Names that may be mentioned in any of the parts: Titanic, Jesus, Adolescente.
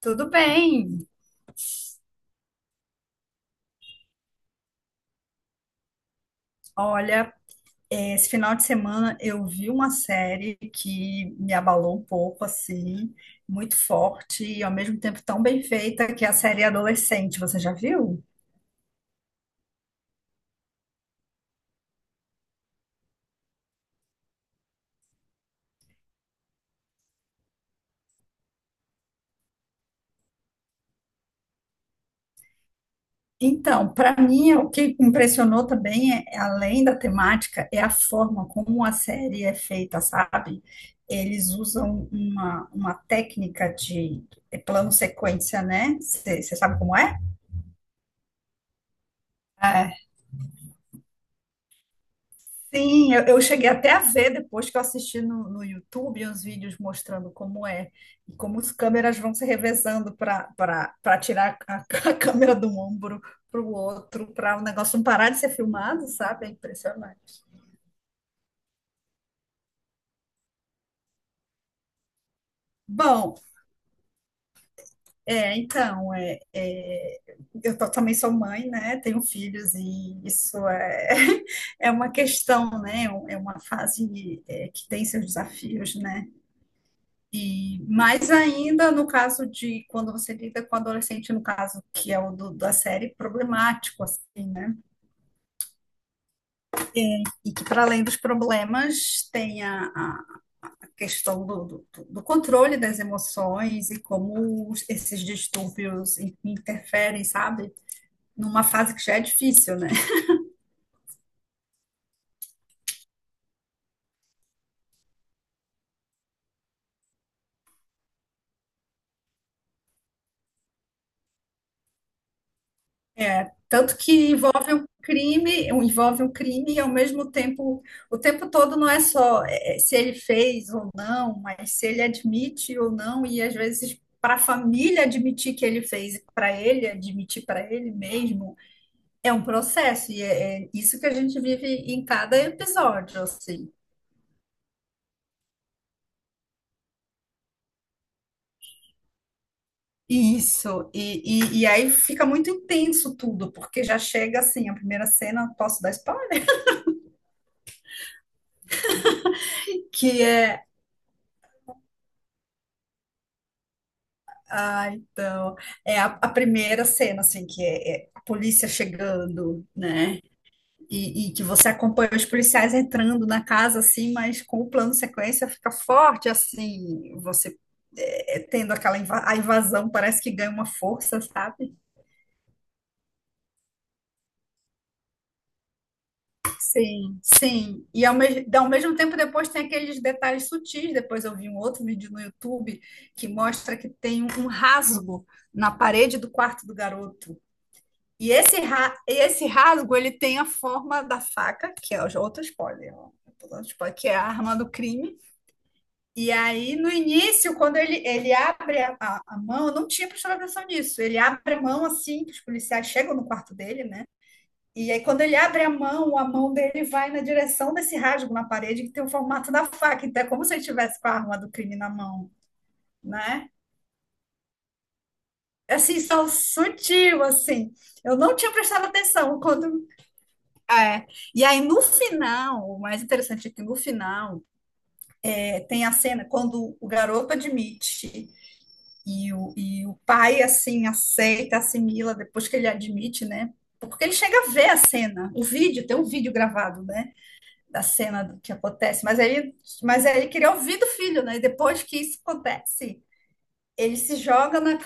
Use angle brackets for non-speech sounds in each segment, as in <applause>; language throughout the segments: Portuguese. Tudo bem. Olha, esse final de semana eu vi uma série que me abalou um pouco, assim, muito forte e ao mesmo tempo tão bem feita, que é a série Adolescente. Você já viu? Então, para mim, o que impressionou também, é, além da temática, é a forma como a série é feita, sabe? Eles usam uma técnica de plano-sequência, né? Você sabe como é? Sim, eu cheguei até a ver depois que eu assisti no YouTube uns vídeos mostrando como é e como as câmeras vão se revezando para tirar a, <laughs> a câmera de um ombro para o outro, para o negócio não parar de ser filmado, sabe? É impressionante. Bom, é, então, eu tô- também sou mãe, né? Tenho filhos e isso é, <laughs> é uma questão, né? É uma fase, é, que tem seus desafios, né? E mais ainda no caso de quando você lida com adolescente, no caso que é o do- da série, problemático, assim, né? E que para além dos problemas tem a questão do, do controle das emoções e como os- esses distúrbios interferem, sabe? Numa fase que já é difícil, né? Tanto que envolve um crime, um, envolve um crime e ao mesmo tempo, o tempo todo não é só se ele fez ou não, mas se ele admite ou não, e às vezes para a família admitir que ele fez, para ele admitir para ele mesmo, é um processo, e é, é isso que a gente vive em cada episódio, assim. Isso, e aí fica muito intenso tudo, porque já chega assim, a primeira cena, posso dar spoiler? <laughs> Que é Ah, então, é a primeira cena, assim, que é, é a polícia chegando, né? E que você acompanha os policiais entrando na casa, assim, mas com o plano sequência fica forte, assim, você é, é, tendo aquela inva- a invasão, parece que ganha uma força, sabe? Sim, sim. E ao, mes- ao mesmo tempo, depois tem aqueles detalhes sutis. Depois eu vi um outro vídeo no YouTube que mostra que tem um rasgo na parede do quarto do garoto. E esse, ra e esse rasgo, ele tem a forma da faca, que é o- outro spoiler, ó. Eu tô dando spoiler, que é a arma do crime. E aí, no início, quando ele abre a mão, eu não tinha prestado atenção nisso. Ele abre a mão assim, que os policiais chegam no quarto dele, né? E aí, quando ele abre a mão dele vai na direção desse rasgo na parede, que tem o formato da faca. Então, é como se ele tivesse com a arma do crime na mão, né? É, assim, só sutil, assim. Eu não tinha prestado atenção. Quando É. E aí no final, o mais interessante é que no final é, tem a cena quando o garoto admite e o pai assim aceita, assimila depois que ele admite, né? Porque ele chega a ver a cena, o vídeo, tem um vídeo gravado, né? Da cena do que acontece, mas aí ele queria ouvir do filho, né? E depois que isso acontece, ele se joga na,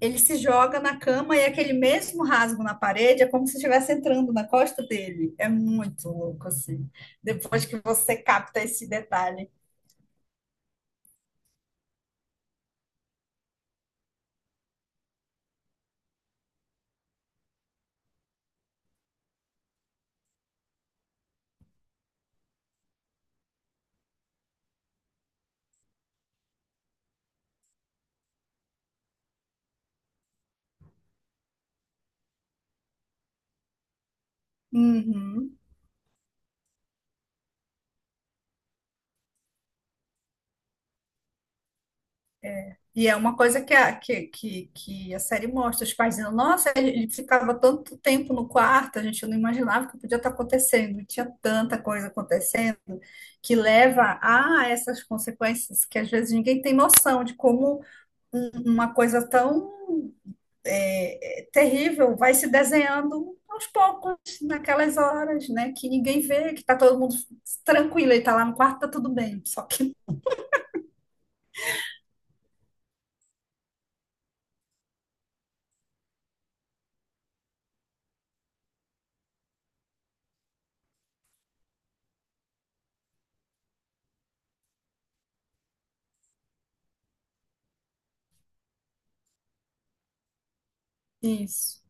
ele se joga na cama e é aquele mesmo rasgo na parede é como se estivesse entrando na costa dele. É muito louco, assim. Depois que você capta esse detalhe. Uhum. E é uma coisa que a série mostra. Os pais dizendo, nossa, ele ficava tanto tempo no quarto, a gente não imaginava que podia estar acontecendo. Tinha tanta coisa acontecendo que leva a essas consequências que às vezes ninguém tem noção de como um- uma coisa tão é, é terrível vai se desenhando aos poucos, naquelas horas, né? Que ninguém vê, que tá todo mundo tranquilo, ele tá lá no quarto, tá tudo bem. Só que isso.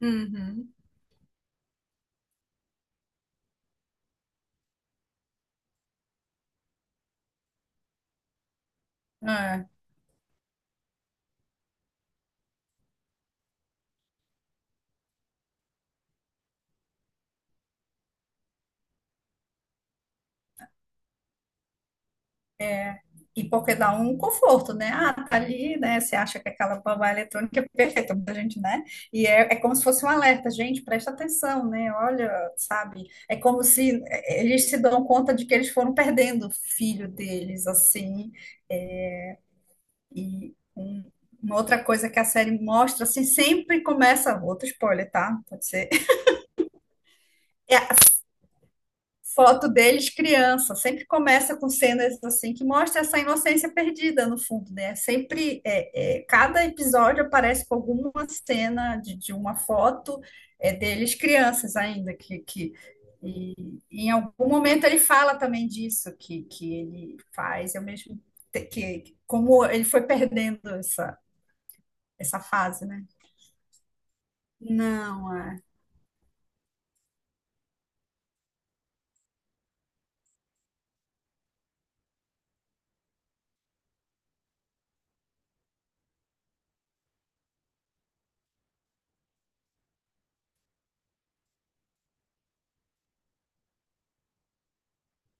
Uhum. É. E porque dá um conforto, né? Ah, tá ali, né? Você acha que aquela babá eletrônica é perfeita pra gente, né? E é, é como se fosse um alerta, gente, presta atenção, né? Olha, sabe? É como se é, eles se dão conta de que eles foram perdendo o filho deles, assim, e um- uma outra coisa que a série mostra, assim, sempre começa, outro spoiler, tá? Pode ser. <laughs> É a foto deles criança, sempre começa com cenas assim que mostra essa inocência perdida no fundo, né? Sempre, cada episódio aparece com alguma cena de uma foto é, deles crianças ainda, que e, em algum momento ele fala também disso, que ele faz, eu mesmo, que- como ele foi perdendo essa, essa fase, né? Não, é.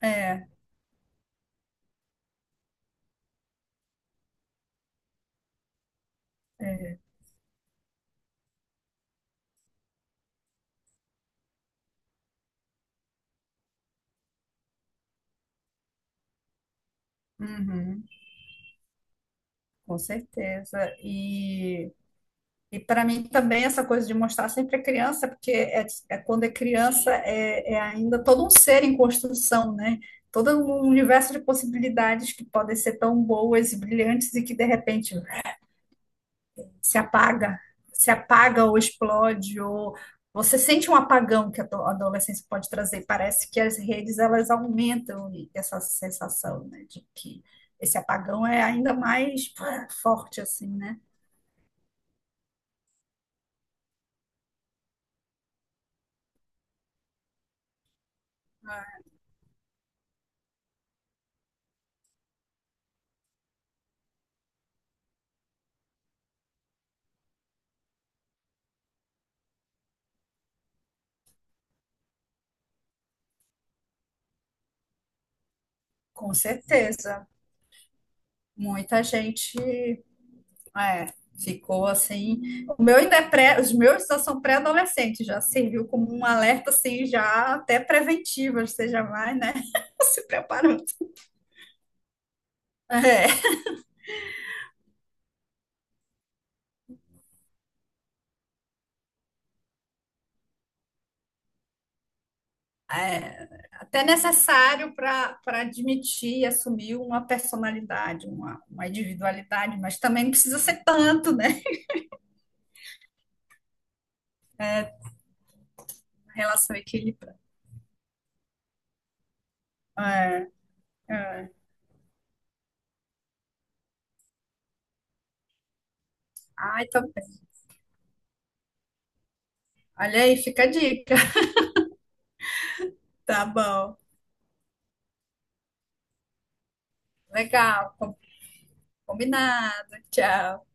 É, é. Uhum, com certeza. E para mim também essa coisa de mostrar sempre a criança, porque é, é quando é criança é, é ainda todo um ser em construção, né? Todo um universo de possibilidades que podem ser tão boas e brilhantes e que de repente se apaga, se apaga ou explode, ou você sente um apagão que a ado- a adolescência pode trazer. Parece que as redes elas aumentam essa sensação, né, de que esse apagão é ainda mais pá, forte assim, né? Com certeza. Muita gente é, ficou assim. O meu ainda é pré, os meus já são pré-adolescentes, já serviu como um alerta assim, já até preventivo, você já vai, né? <laughs> Se preparando. É. É, até necessário para admitir e assumir uma personalidade, uma individualidade, mas também não precisa ser tanto, né? Relação equilibrada. É, é. Ai, tô bem. Olha aí, fica a dica. <laughs> Tá bom. Legal. Combinado. Tchau.